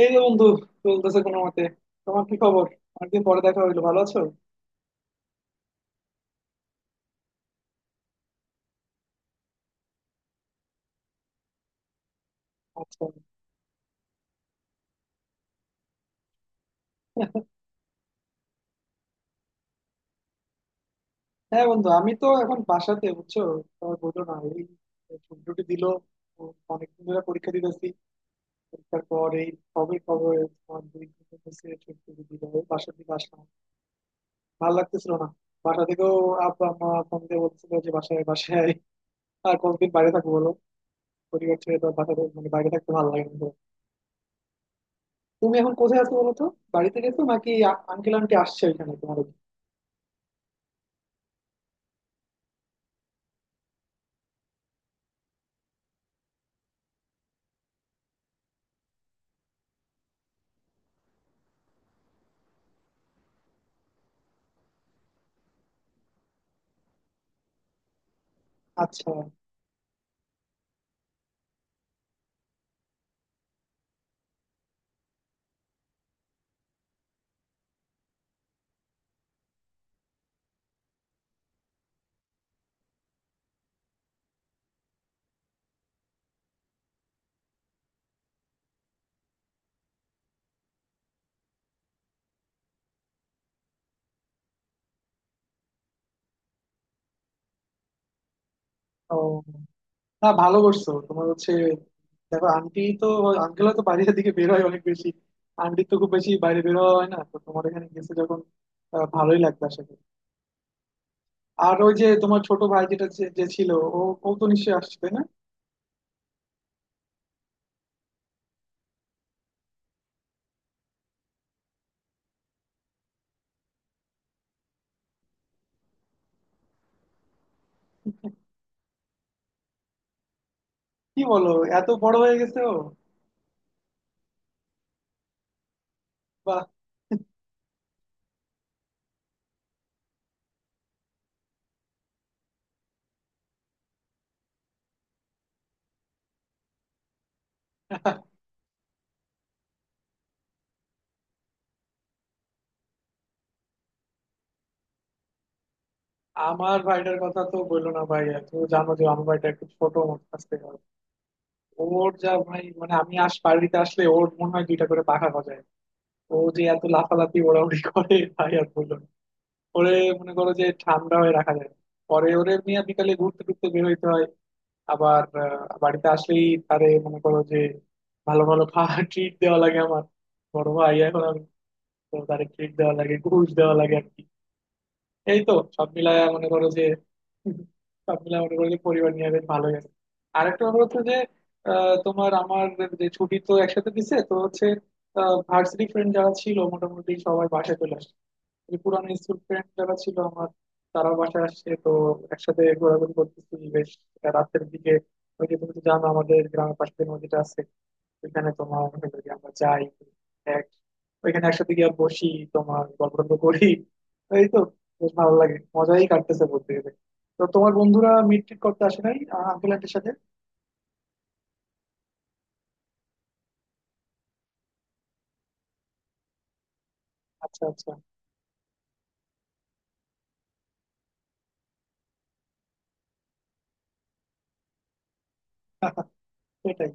এই যে বন্ধু, চলতেছে কোনো মতে। তোমার কি খবর? অনেকদিন পরে দেখা হইলো, ভালো আছো? আচ্ছা। হ্যাঁ বন্ধু, আমি তো এখন বাসাতে বুঝছো। তোমার বললো না, এই ছুটি টুটি দিল, অনেকদিন ধরে পরীক্ষা দিতেছি। পরীক্ষার পর এই কবে কবে তোমার দুই দিন হচ্ছে ছুটি টুটি দিল, এই বাসার দিকে আসলাম। ভালো লাগতেছিল না বাসা থেকেও। আব্বা মা ফোন দিয়ে বলছিল যে বাসায় বাসায় আয়। আর কতদিন বাইরে থাকবো বলো? পরিবার ছেড়ে তো আর বাসাতে মানে বাইরে থাকতে ভালো লাগে না তো। তুমি এখন কোথায় আছো বলো তো? বাড়িতে গেছো নাকি? আঙ্কেল আন্টি আসছে ওইখানে তোমার? আচ্ছা। ও, না ভালো করছো। তোমার হচ্ছে দেখো আন্টি তো, আঙ্কেল তো বাইরের দিকে বের হয় অনেক বেশি, আন্টি তো খুব বেশি বাইরে বের হওয়া হয় না, তো তোমার এখানে গেছে যখন ভালোই লাগবে আশা করি। আর ওই যে তোমার ছোট ভাই, যেটা যে যে ছিল, ও, ও তো নিশ্চয়ই আসছে তাই না? কি বলো, এত বড় হয়ে গেছে ও! বাহ। আমার ভাইটার কথা তো বললো না ভাই। তুমি জানো যে আমার ভাইটা একটু ছোট মতো আসতে, ওর যা ভাই, মানে আমি আস বাড়িতে আসলে ওর মনে হয় দুইটা করে পাখা গজায়। ও যে এত লাফালাফি ওড়াউড়ি করে ভাই, আর বললো না। ওরে মনে করো যে ঠান্ডা হয়ে রাখা যায় না। পরে ওরে নিয়ে বিকালে ঘুরতে টুরতে বের হইতে হয়। আবার বাড়িতে আসলেই তারে মনে করো যে ভালো ভালো খাওয়া, ট্রিট দেওয়া লাগে। আমার বড় ভাই এখন আমি, তো তারে ট্রিট দেওয়া লাগে, ঘুষ দেওয়া লাগে। এই তো। সব মিলায় মনে করো যে, পরিবার নিয়ে বেশ ভালোই আছে। আরেকটা ব্যাপার হচ্ছে যে তোমার আমার যে ছুটি তো একসাথে দিছে, তো হচ্ছে ভার্সিটি ফ্রেন্ড যারা ছিল মোটামুটি সবাই বাসায় চলে আসছে। যে পুরানো স্কুল ফ্রেন্ড যারা ছিল আমার, তারাও বাসায় আসছে তো। একসাথে ঘোরাঘুরি করতেছি বেশ। রাতের দিকে ওই যে তুমি তো জানো আমাদের গ্রামের পাশে যে নদীটা আছে, ওইখানে তোমার হলো গিয়ে আমরা যাই। এক, ওইখানে একসাথে গিয়ে বসি, তোমার গল্প টল্প করি। এই তো, বেশ ভালো লাগে, মজাই কাটতেছে বলতে গেলে। তো তোমার বন্ধুরা মিট টিট করতে আসে নাই আঙ্কেল আন্টির সাথে? আচ্ছা আচ্ছা। সেটাই।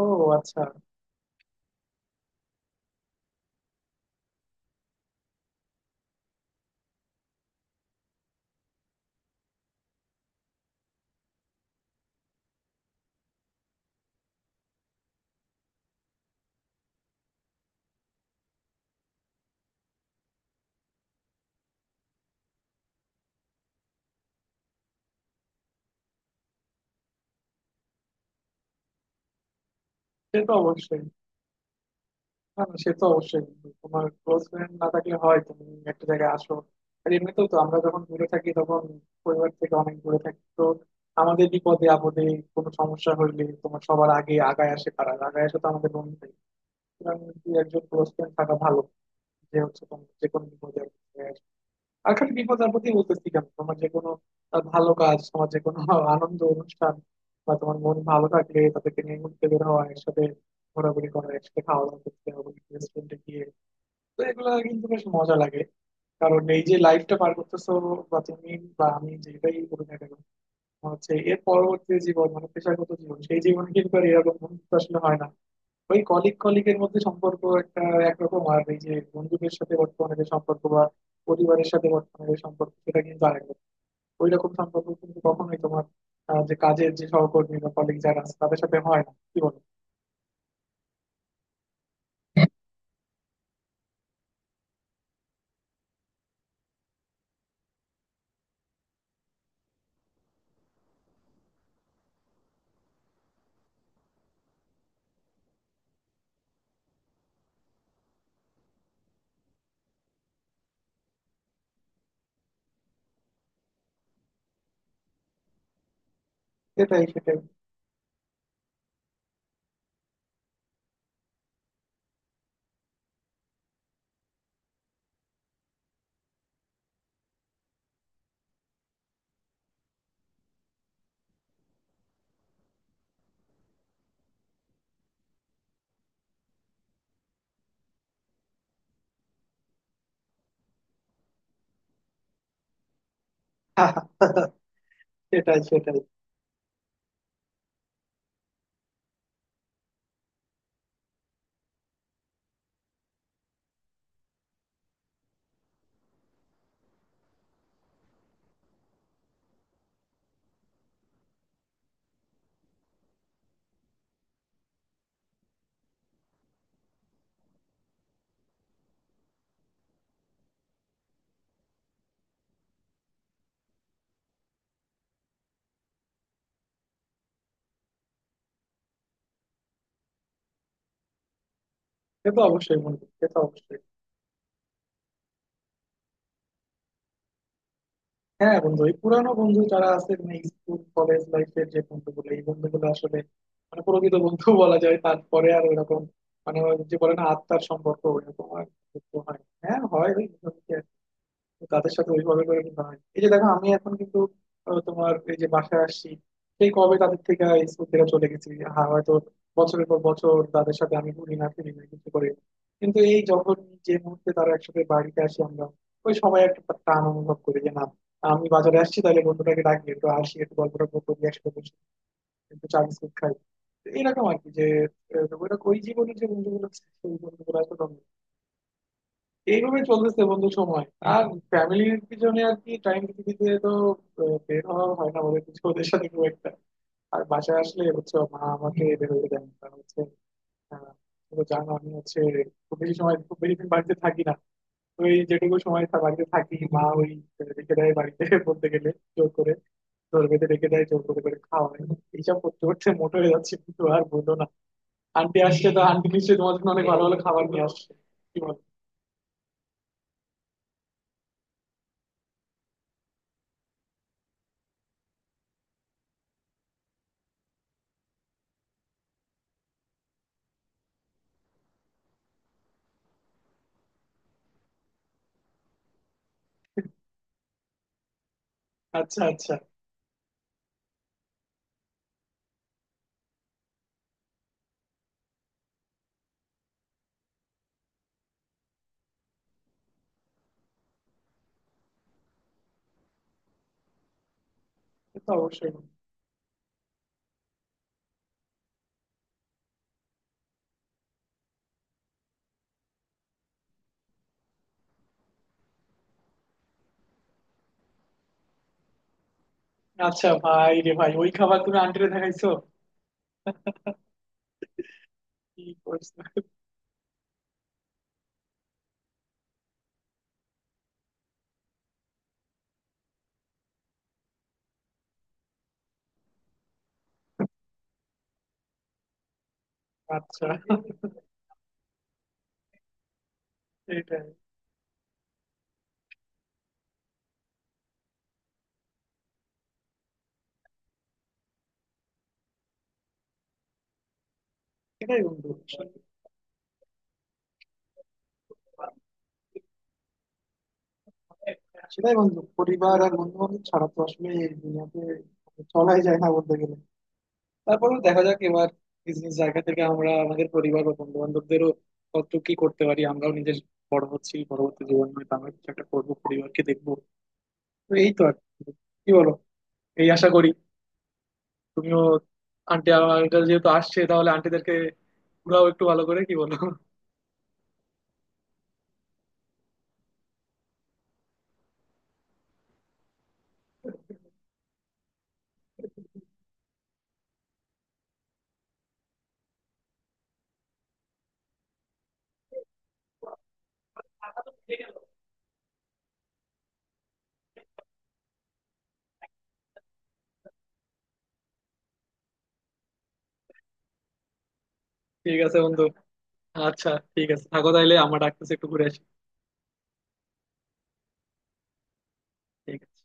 ও আচ্ছা। সে তো অবশ্যই। না না, সে তো অবশ্যই। তোমার ক্লোজ ফ্রেন্ড না থাকলে হয় তুমি একটা জায়গায় আসো, আর এমনিতেও তো আমরা যখন দূরে থাকি তখন পরিবার থেকে অনেক দূরে থাকি, তো আমাদের বিপদে আপদে, কোনো সমস্যা হইলে তোমার সবার আগে আগায় আসে, কারা আগায় আসে? তো আমাদের বন্ধু। সুতরাং দুই একজন ক্লোজ ফ্রেন্ড থাকা ভালো, যে হচ্ছে তোমার যে কোনো বিপদে উঠে আসবে। আর খালি বিপদ আপদে বলতেছি কেন, তোমার যে কোনো ভালো কাজ, তোমার যে কোনো আনন্দ অনুষ্ঠান, বা তোমার মন ভালো থাকলে তাদেরকে নিয়ে ঘুরতে বের হওয়া, একসাথে ঘোরাঘুরি করা, একসাথে খাওয়া দাওয়া করতে হবে রেস্টুরেন্টে গিয়ে। তো এগুলো কিন্তু বেশ মজা লাগে। কারণ এই যে লাইফটা পার করতেছো, বা তুমি বা আমি যেটাই করি না কেন, আমার হচ্ছে এর পরবর্তী জীবন মানে পেশাগত জীবন, সেই জীবনে কিন্তু আর এরকম বন্ধুত্ব আসলে হয় না। ওই কলিগ কলিগের মধ্যে সম্পর্ক একটা একরকম, আর এই যে বন্ধুদের সাথে বর্তমানে যে সম্পর্ক, বা পরিবারের সাথে বর্তমানে যে সম্পর্ক, সেটা কিন্তু আরেক রকম। ওই রকম সম্পর্ক কিন্তু কখনোই তোমার যে কাজের যে সহকর্মী বা কলিগ যারা আছে তাদের সাথে হয় না, কি বলো? সেটাই সেটাই। সেটাই সেটাই। সে তো অবশ্যই বন্ধু, সে তো অবশ্যই। হ্যাঁ বন্ধু, এই পুরানো বন্ধু যারা আছে, মানে স্কুল কলেজ লাইফের যে বন্ধুগুলো, এই বন্ধুগুলো আসলে মানে প্রকৃত বন্ধু বলা যায়। তারপরে আর ওইরকম, মানে ওই যে বলে না আত্মার সম্পর্ক, ওইরকম আর বন্ধুত্ব হয় না। হ্যাঁ হয় ওই। তো তাদের সাথে ওইভাবে করে মেশা হয়। এই যে দেখো আমি এখন কিন্তু তোমার এই যে বাসায় আসছি, সেই কবে তাদের থেকে আর স্কুল থেকে চলে গেছি। হ্যাঁ হয়তো বছরের পর বছর তাদের সাথে আমি ঘুরি না, ফিরি না, কিছু করে। কিন্তু এই যখন যে মুহূর্তে তারা একসাথে বাড়িতে আসি আমরা, ওই সময় একটা টান অনুভব করি যে না, আমি বাজারে আসছি, তাহলে বন্ধুটাকে ডাকি, একটু আসি, একটু গল্প টল্প করি একসাথে বসে, একটু চা বিস্কুট খাই। তো এরকম আর কি যে ওইটা ওই জীবনের যে বন্ধুগুলো ছিল, সেই বন্ধুগুলো আসলে এইভাবে চলতেছে বন্ধু সময়। আর ফ্যামিলির পিছনে আর কি টাইম দিতে তো বের হওয়া হয় না ওদের কিছু, ওদের সাথে খুব একটা। আর বাসায় আসলে হচ্ছে মা আমাকে বের হতে দেন না। কারণ হচ্ছে আহ, তুমি তো জানো আমি হচ্ছে খুব বেশি সময়, খুব বেশি দিন বাড়িতে থাকি না। তো এই যেটুকু সময় তা বাড়িতে থাকি মা ওই রেখে দেয় বাড়িতে বলতে গেলে জোর করে, জোর বেঁধে রেখে দেয়, জোর করে করে খাওয়ায়। এইসব করতে করতে মোটা হয়ে যাচ্ছে কিন্তু, আর বললো না। আন্টি আসছে তো, আন্টি নিশ্চয়ই তোমার জন্য অনেক ভালো ভালো খাবার নিয়ে আসছে। কি বল। আচ্ছা আচ্ছা। সে তো অবশ্যই। আচ্ছা ভাই রে ভাই, ওই খাবার তুমি আন্টিরে দেখাইছো? কি করছো? আচ্ছা। সেটাই। সেটাই বন্ধু। সেটাই বন্ধু, পরিবার আর বন্ধু বান্ধব ছাড়া তো আসলে এই দুনিয়াতে চলাই যায় না বলতে গেলে। তারপরেও দেখা যাক এবার নিজ নিজ জায়গা থেকে আমরা আমাদের পরিবার বা বন্ধু বান্ধবদেরও কত কি করতে পারি, আমরাও নিজের বড় হচ্ছি, পরবর্তী জীবন হয়তো আমরা কিছু একটা করবো, পরিবারকে দেখবো। তো এই তো আর কি, কি বলো? এই আশা করি তুমিও, আন্টি আমার যেহেতু আসছে, তাহলে আন্টিদেরকে ঘুরাও একটু ভালো করে, কি বলো? ঠিক আছে বন্ধু। আচ্ছা, ঠিক আছে, থাকো তাইলে, আমরা ডাকতেছি, একটু ঘুরে আসি। ঠিক আছে।